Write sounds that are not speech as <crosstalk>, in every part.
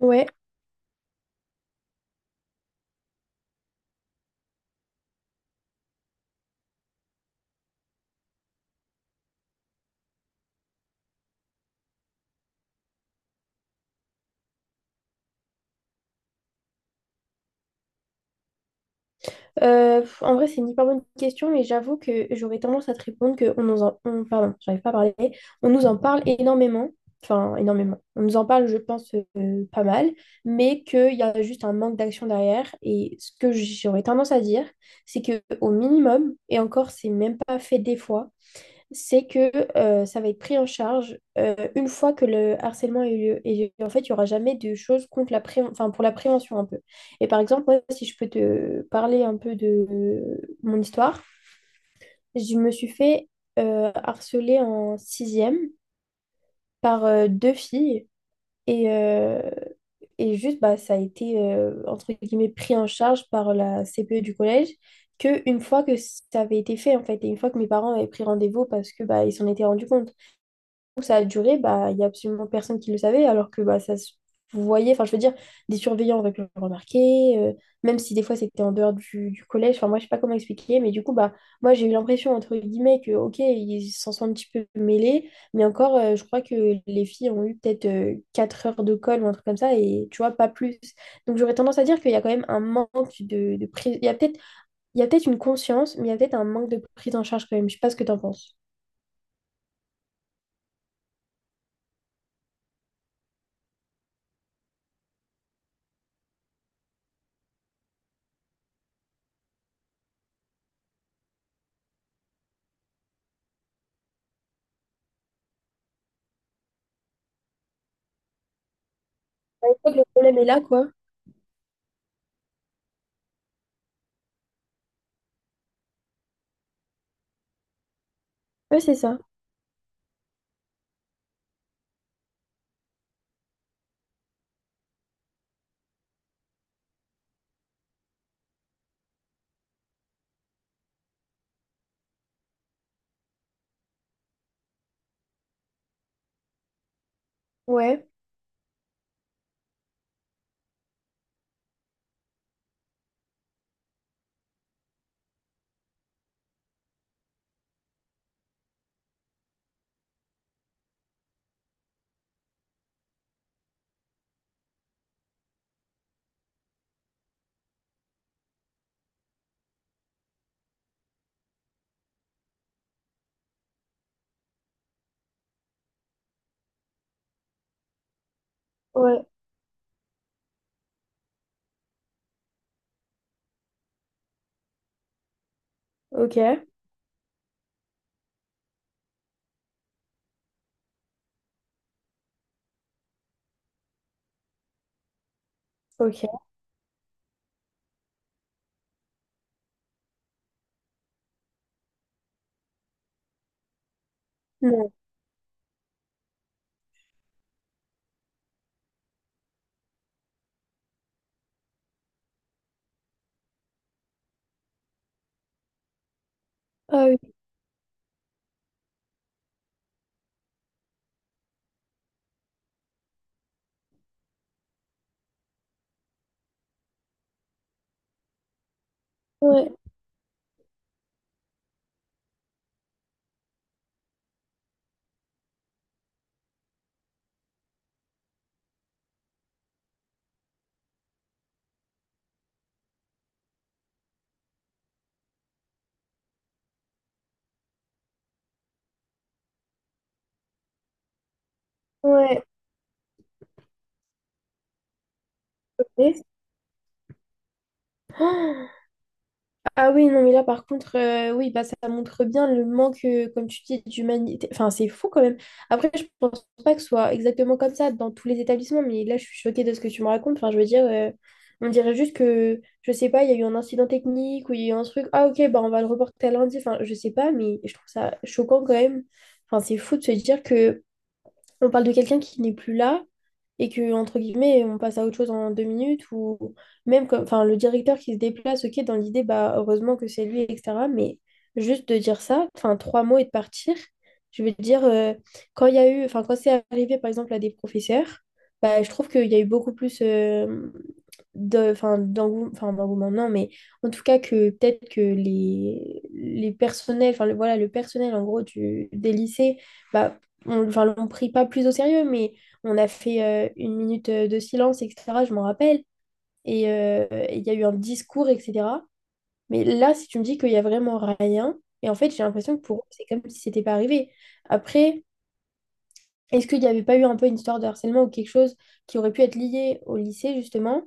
Ouais, pff, en vrai, c'est une hyper bonne question, mais j'avoue que j'aurais tendance à te répondre que on nous en... on- pardon, j'arrive pas à parler. On nous en parle énormément, enfin énormément. On nous en parle, je pense, pas mal, mais qu'il y a juste un manque d'action derrière. Et ce que j'aurais tendance à dire, c'est que au minimum, et encore, c'est même pas fait des fois, c'est que ça va être pris en charge une fois que le harcèlement a eu lieu. Et en fait, il n'y aura jamais de choses contre enfin, pour la prévention un peu. Et par exemple, moi, si je peux te parler un peu de mon histoire, je me suis fait harceler en sixième par deux filles. Et, euh, et juste, bah, ça a été, entre guillemets, pris en charge par la CPE du collège. Que une fois que ça avait été fait en fait et une fois que mes parents avaient pris rendez-vous parce que bah ils s'en étaient rendus compte où ça a duré, bah, il n'y a absolument personne qui le savait, alors que bah, ça se voyait, enfin je veux dire, des surveillants auraient pu le remarquer, même si des fois c'était en dehors du collège, enfin moi je sais pas comment expliquer, mais du coup, bah, moi j'ai eu l'impression, entre guillemets, que ok, ils s'en sont un petit peu mêlés, mais encore, je crois que les filles ont eu peut-être 4 heures de colle ou un truc comme ça, et tu vois, pas plus. Donc j'aurais tendance à dire qu'il y a quand même un manque de prise, il y a peut-être une conscience, mais il y a peut-être un manque de prise en charge quand même, je sais pas ce que t'en penses. Je crois que le problème est là, quoi. Ouais, c'est ça. Ouais, ouais, ok, ok. Non. Ah oui, ouais, ouais. Et- Ah ah oui, non, mais là, par contre, oui, bah, ça montre bien le manque, comme tu dis, d'humanité. Enfin, c'est fou quand même. Après, je pense pas que ce soit exactement comme ça dans tous les établissements, mais là, je suis choquée de ce que tu me racontes. Enfin, je veux dire, on dirait juste que, je sais pas, il y a eu un incident technique ou il y a eu un truc. Ah, ok, bah, on va le reporter à lundi. Enfin, je sais pas, mais je trouve ça choquant quand même. Enfin, c'est fou de se dire que on parle de quelqu'un qui n'est plus là et que, entre guillemets, on passe à autre chose en deux minutes ou même comme, enfin, le directeur qui se déplace, ok, dans l'idée, bah, heureusement que c'est lui, etc. Mais juste de dire ça, enfin, trois mots et de partir, je veux dire, quand il y a eu, enfin, quand c'est arrivé, par exemple, à des professeurs, bah, je trouve qu'il y a eu beaucoup plus de, enfin, d'engouement, non, mais en tout cas que peut-être les personnels, enfin, le- voilà, le personnel, en gros, des lycées, bah, on, enfin, l'on prit pas plus au sérieux, mais on a fait une minute de silence, etc. Je m'en rappelle. Et il y a eu un discours, etc. Mais là, si tu me dis qu'il y a vraiment rien, et en fait, j'ai l'impression que pour eux, c'est comme si c'était pas arrivé. Après, est-ce qu'il n'y avait pas eu un peu une histoire de harcèlement ou quelque chose qui aurait pu être lié au lycée, justement?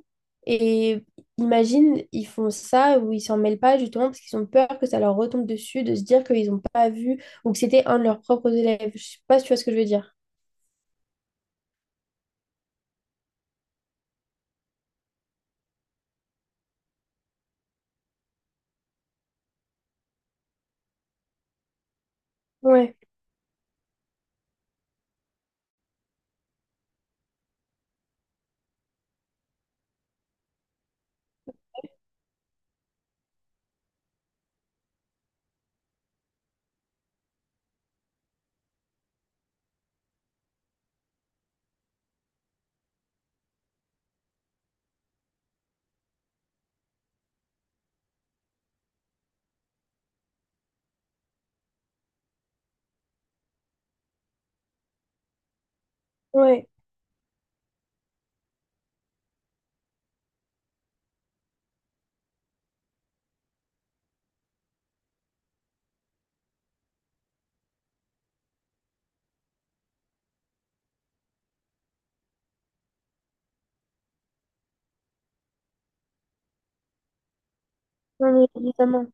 Et imagine, ils font ça ou ils s'en mêlent pas, justement, parce qu'ils ont peur que ça leur retombe dessus, de se dire qu'ils n'ont pas vu ou que c'était un de leurs propres élèves. Je sais pas si tu vois ce que je veux dire. Ouais, ouais. Non, mais évidemment.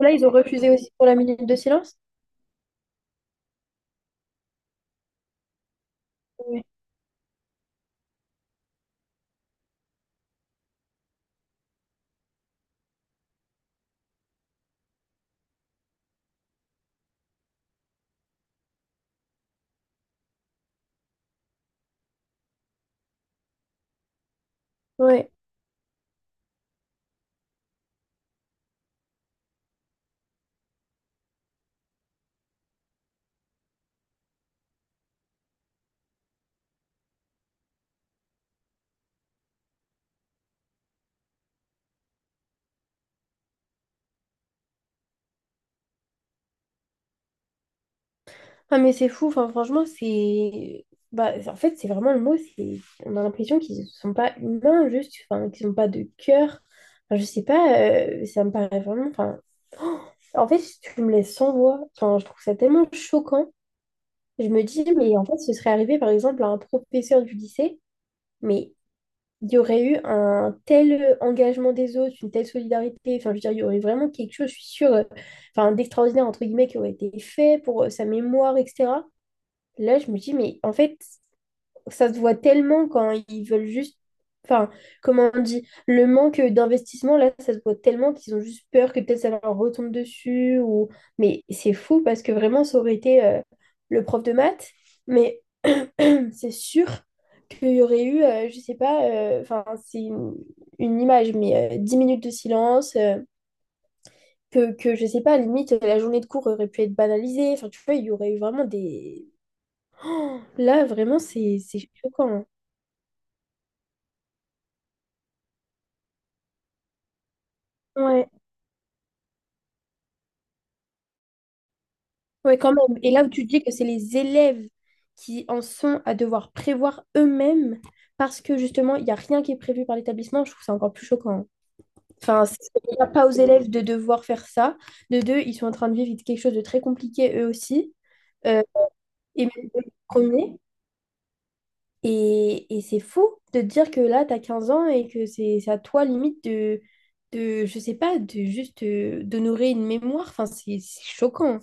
Là, ils ont refusé aussi pour la minute de silence. Ouais. Ouais. Ah, mais c'est fou. Enfin, franchement, c'est. Bah, en fait, c'est vraiment le mot. C'est... On a l'impression qu'ils ne sont pas humains, juste. Enfin, qu'ils n'ont pas de cœur. Enfin, je sais pas. Ça me paraît vraiment. Enfin... oh, en fait, tu me laisses sans voix. Enfin, je trouve ça tellement choquant. Je me dis, mais en fait, ce serait arrivé, par exemple, à un professeur du lycée. Mais il y aurait eu un tel engagement des autres, une telle solidarité. Enfin, je veux dire, il y aurait vraiment quelque chose, je suis sûre, enfin, d'extraordinaire, entre guillemets, qui aurait été fait pour sa mémoire, etc. Là, je me dis, mais en fait, ça se voit tellement quand ils veulent juste. Enfin, comment on dit? Le manque d'investissement, là, ça se voit tellement qu'ils ont juste peur que peut-être ça leur retombe dessus. Ou... Mais c'est fou parce que vraiment, ça aurait été le prof de maths. Mais <clears throat> c'est sûr qu'il y aurait eu, je sais pas, enfin, c'est une image, mais 10 minutes de silence, je sais pas, à la limite, la journée de cours aurait pu être banalisée. Enfin, tu vois, il y aurait eu vraiment des. <gasps> Oh, là, vraiment, c'est choquant. Hein. Ouais. Oui, quand même. Et là où tu dis que c'est les élèves qui en sont à devoir prévoir eux-mêmes parce que justement, il n'y a rien qui est prévu par l'établissement, je trouve ça encore plus choquant. Hein. Enfin, c'est déjà pas aux élèves de devoir faire ça. De deux, ils sont en train de vivre quelque chose de très compliqué eux aussi. Euh, et même eux, les premiers. Et c'est fou de te dire que là, tu as 15 ans et que c'est à toi limite de, je sais pas, de juste d'honorer une mémoire. Enfin, c'est choquant.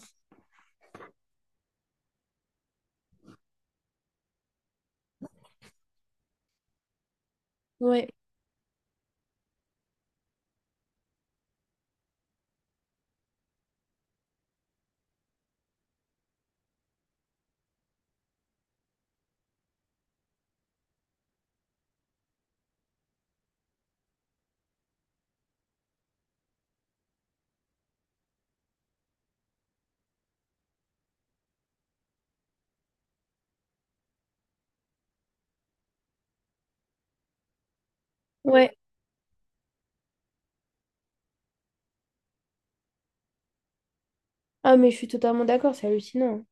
Ouais. Ouais. Ah, mais je suis totalement d'accord, c'est hallucinant.